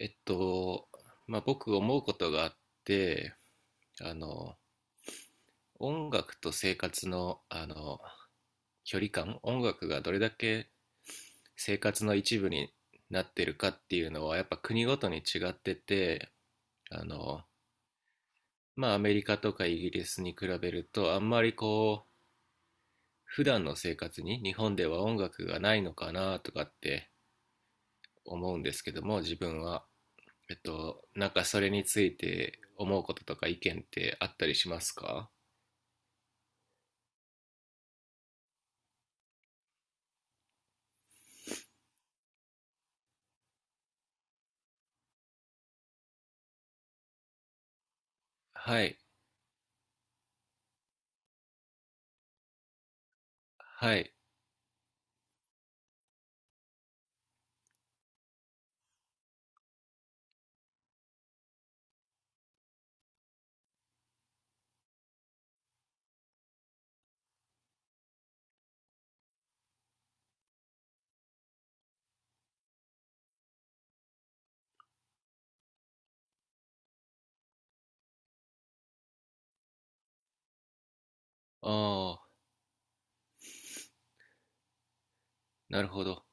えっと、僕思うことがあって、あの、音楽と生活の、距離感、音楽がどれだけ生活の一部になってるかっていうのは、やっぱ国ごとに違ってて、あの、アメリカとかイギリスに比べると、あんまり、普段の生活に日本では音楽がないのかなとかって思うんですけども、自分は。なんかそれについて思うこととか意見ってあったりしますか？はい。はい。ああ、なるほど。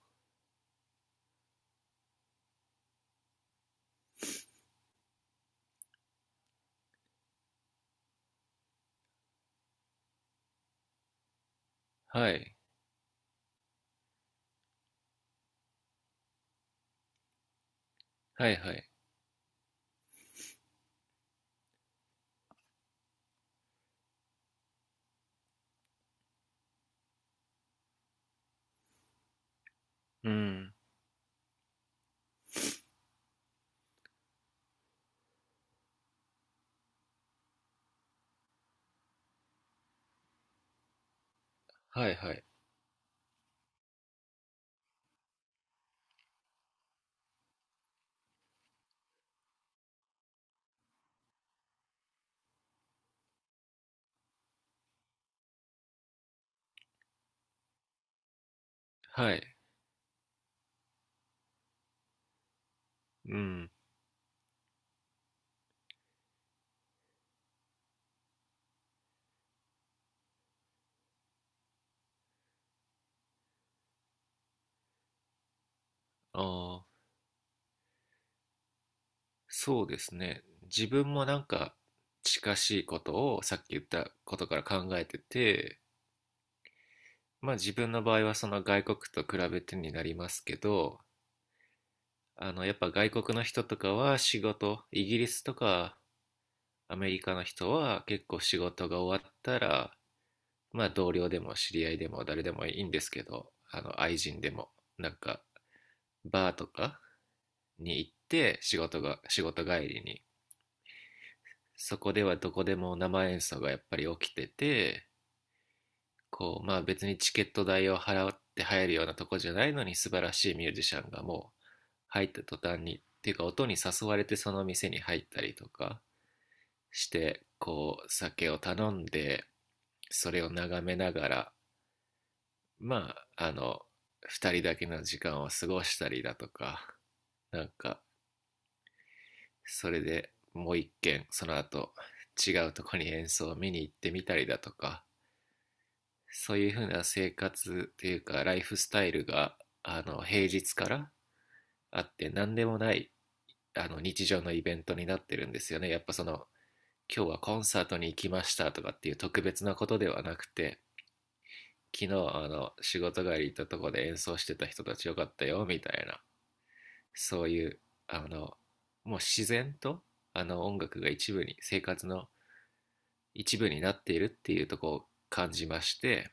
はい。はいはい。うん。はいはい。はい。うん。ああ、そうですね。自分もなんか近しいことをさっき言ったことから考えてて、まあ自分の場合はその外国と比べてになりますけど、やっぱ外国の人とかは仕事、イギリスとかアメリカの人は結構仕事が終わったら、まあ同僚でも知り合いでも誰でもいいんですけど、あの愛人でも、なんかバーとかに行って仕事帰りに、そこではどこでも生演奏がやっぱり起きてて、まあ別にチケット代を払って入るようなとこじゃないのに素晴らしいミュージシャンがもう入った途端に、っていうか音に誘われてその店に入ったりとかして、こう酒を頼んで、それを眺めながら、まあ、あの、二人だけの時間を過ごしたりだとか、なんか、それでもう一軒、その後、違うとこに演奏を見に行ってみたりだとか、そういうふうな生活というか、ライフスタイルが、平日からあって、何でもない、日常のイベントになってるんですよね。やっぱその、今日はコンサートに行きましたとかっていう特別なことではなくて、昨日あの仕事帰り行ったとこで演奏してた人たちよかったよみたいな、そういうあのもう自然と音楽が一部に生活の一部になっているっていうところを感じまして、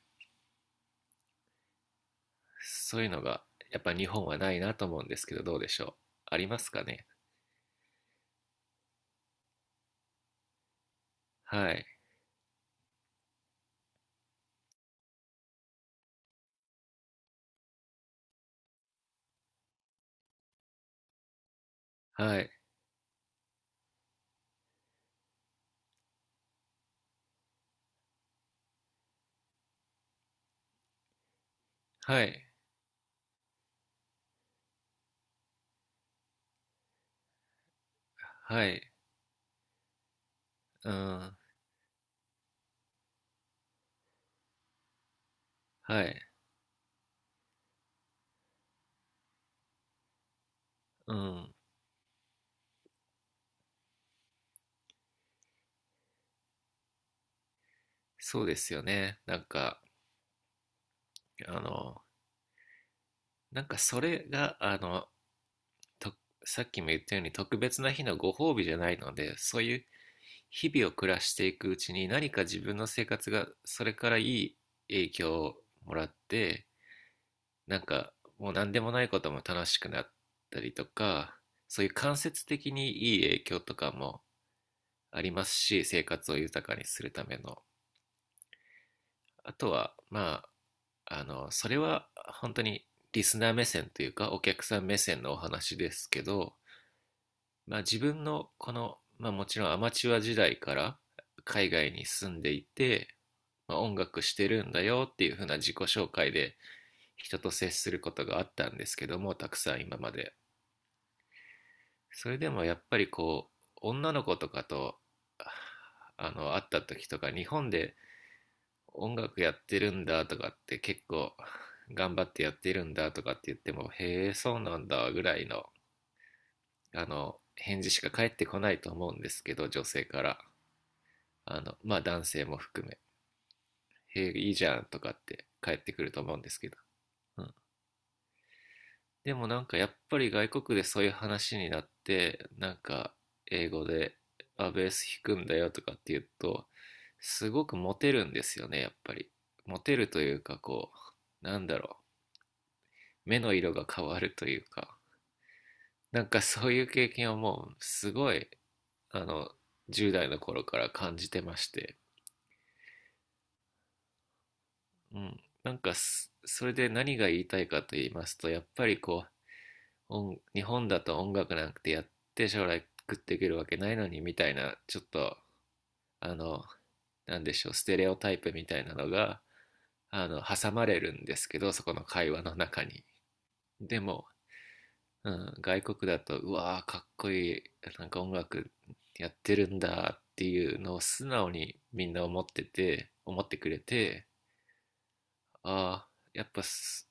そういうのがやっぱ日本はないなと思うんですけど、どうでしょう、ありますかね？はいはい。はいはい。うん。はい。うん。そうですよね。あのなんかそれがあのとさっきも言ったように特別な日のご褒美じゃないので、そういう日々を暮らしていくうちに何か自分の生活がそれからいい影響をもらって、なんかもう何でもないことも楽しくなったりとか、そういう間接的にいい影響とかもありますし、生活を豊かにするための、あとはまあそれは本当にリスナー目線というかお客さん目線のお話ですけど、まあ自分のこの、まあもちろんアマチュア時代から海外に住んでいて、まあ、音楽してるんだよっていう風な自己紹介で人と接することがあったんですけども、たくさん今まで。それでもやっぱりこう、女の子とかと、会った時とか、日本で音楽やってるんだとかって結構頑張ってやってるんだとかって言っても、へえ、そうなんだぐらいの、返事しか返ってこないと思うんですけど、女性から。まあ男性も含め、へえ、いいじゃんとかって帰ってくると思うんですけど。うん。でもなんかやっぱり外国でそういう話になって、英語で、あ、ベース弾くんだよとかって言うと、すごくモテるんですよね、やっぱり。モテるというか、こう、なんだろう、目の色が変わるというか、なんかそういう経験をもう、すごい、あの、10代の頃から感じてまして。うん、なんかすそれで何が言いたいかと言いますと、やっぱりこう日本だと音楽なんてやって将来食っていけるわけないのにみたいな、ちょっとあのなんでしょう、ステレオタイプみたいなのが挟まれるんですけど、そこの会話の中に。でも、うん、外国だと、うわーかっこいい、なんか音楽やってるんだっていうのを素直に、みんな思ってて思ってくれて、ああー、やっぱす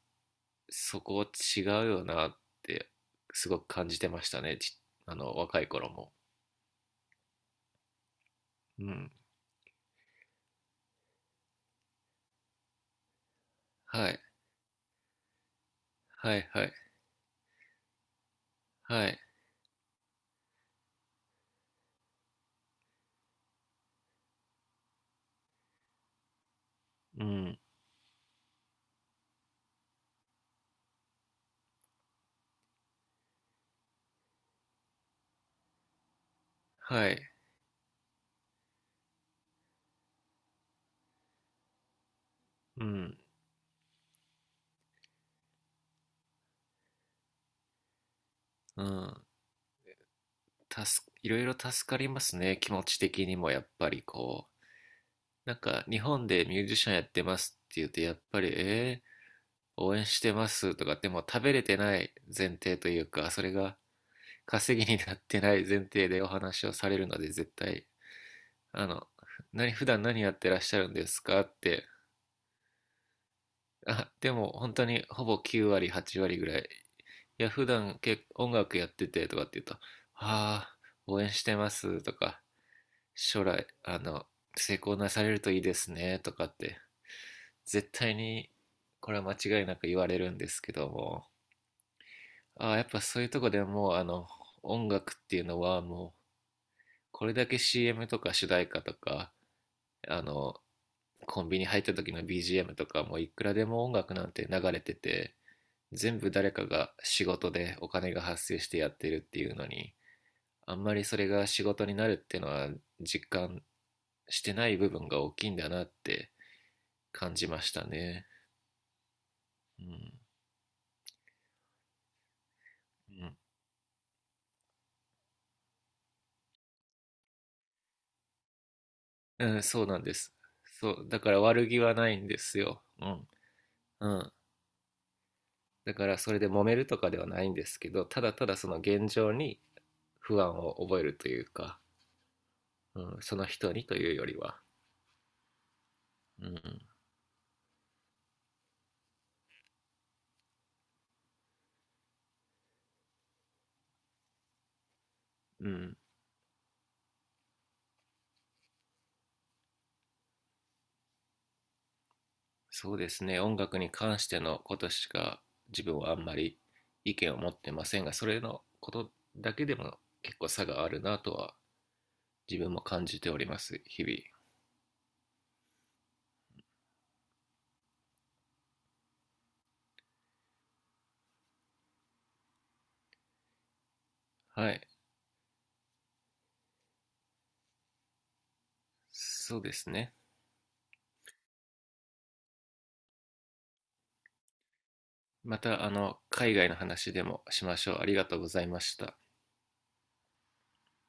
そこ違うよなってすごく感じてましたね。あの若い頃も、うん。はいはい。はいはい。うん。はい。うん。うん。いろいろ助かりますね、気持ち的にも。やっぱりなんか日本でミュージシャンやってますって言うと、やっぱりえー、応援してますとか、でも食べれてない前提というか、それが稼ぎになってない前提でお話をされるので絶対、あの、何、普段何やってらっしゃるんですかって、あ、でも本当にほぼ9割、8割ぐらい、いや、普段、音楽やっててとかって言うと、ああ、応援してますとか、将来、成功なされるといいですねとかって、絶対に、これは間違いなく言われるんですけども、ああ、やっぱそういうとこでもう、音楽っていうのはもう、これだけ CM とか主題歌とか、あの、コンビニ入った時の BGM とかもいくらでも音楽なんて流れてて、全部誰かが仕事でお金が発生してやってるっていうのに、あんまりそれが仕事になるっていうのは実感してない部分が大きいんだなって感じましたね。うん。うん、うん、そうなんです。そうだから悪気はないんですよ。うん。うん、だからそれで揉めるとかではないんですけど、ただただその現状に不安を覚えるというか、うん、その人にというよりは。うん。うん、そうですね。音楽に関してのことしか自分はあんまり意見を持ってませんが、それのことだけでも結構差があるなとは自分も感じております、日々。はい、そうですね。またあの海外の話でもしましょう。ありがとうございました。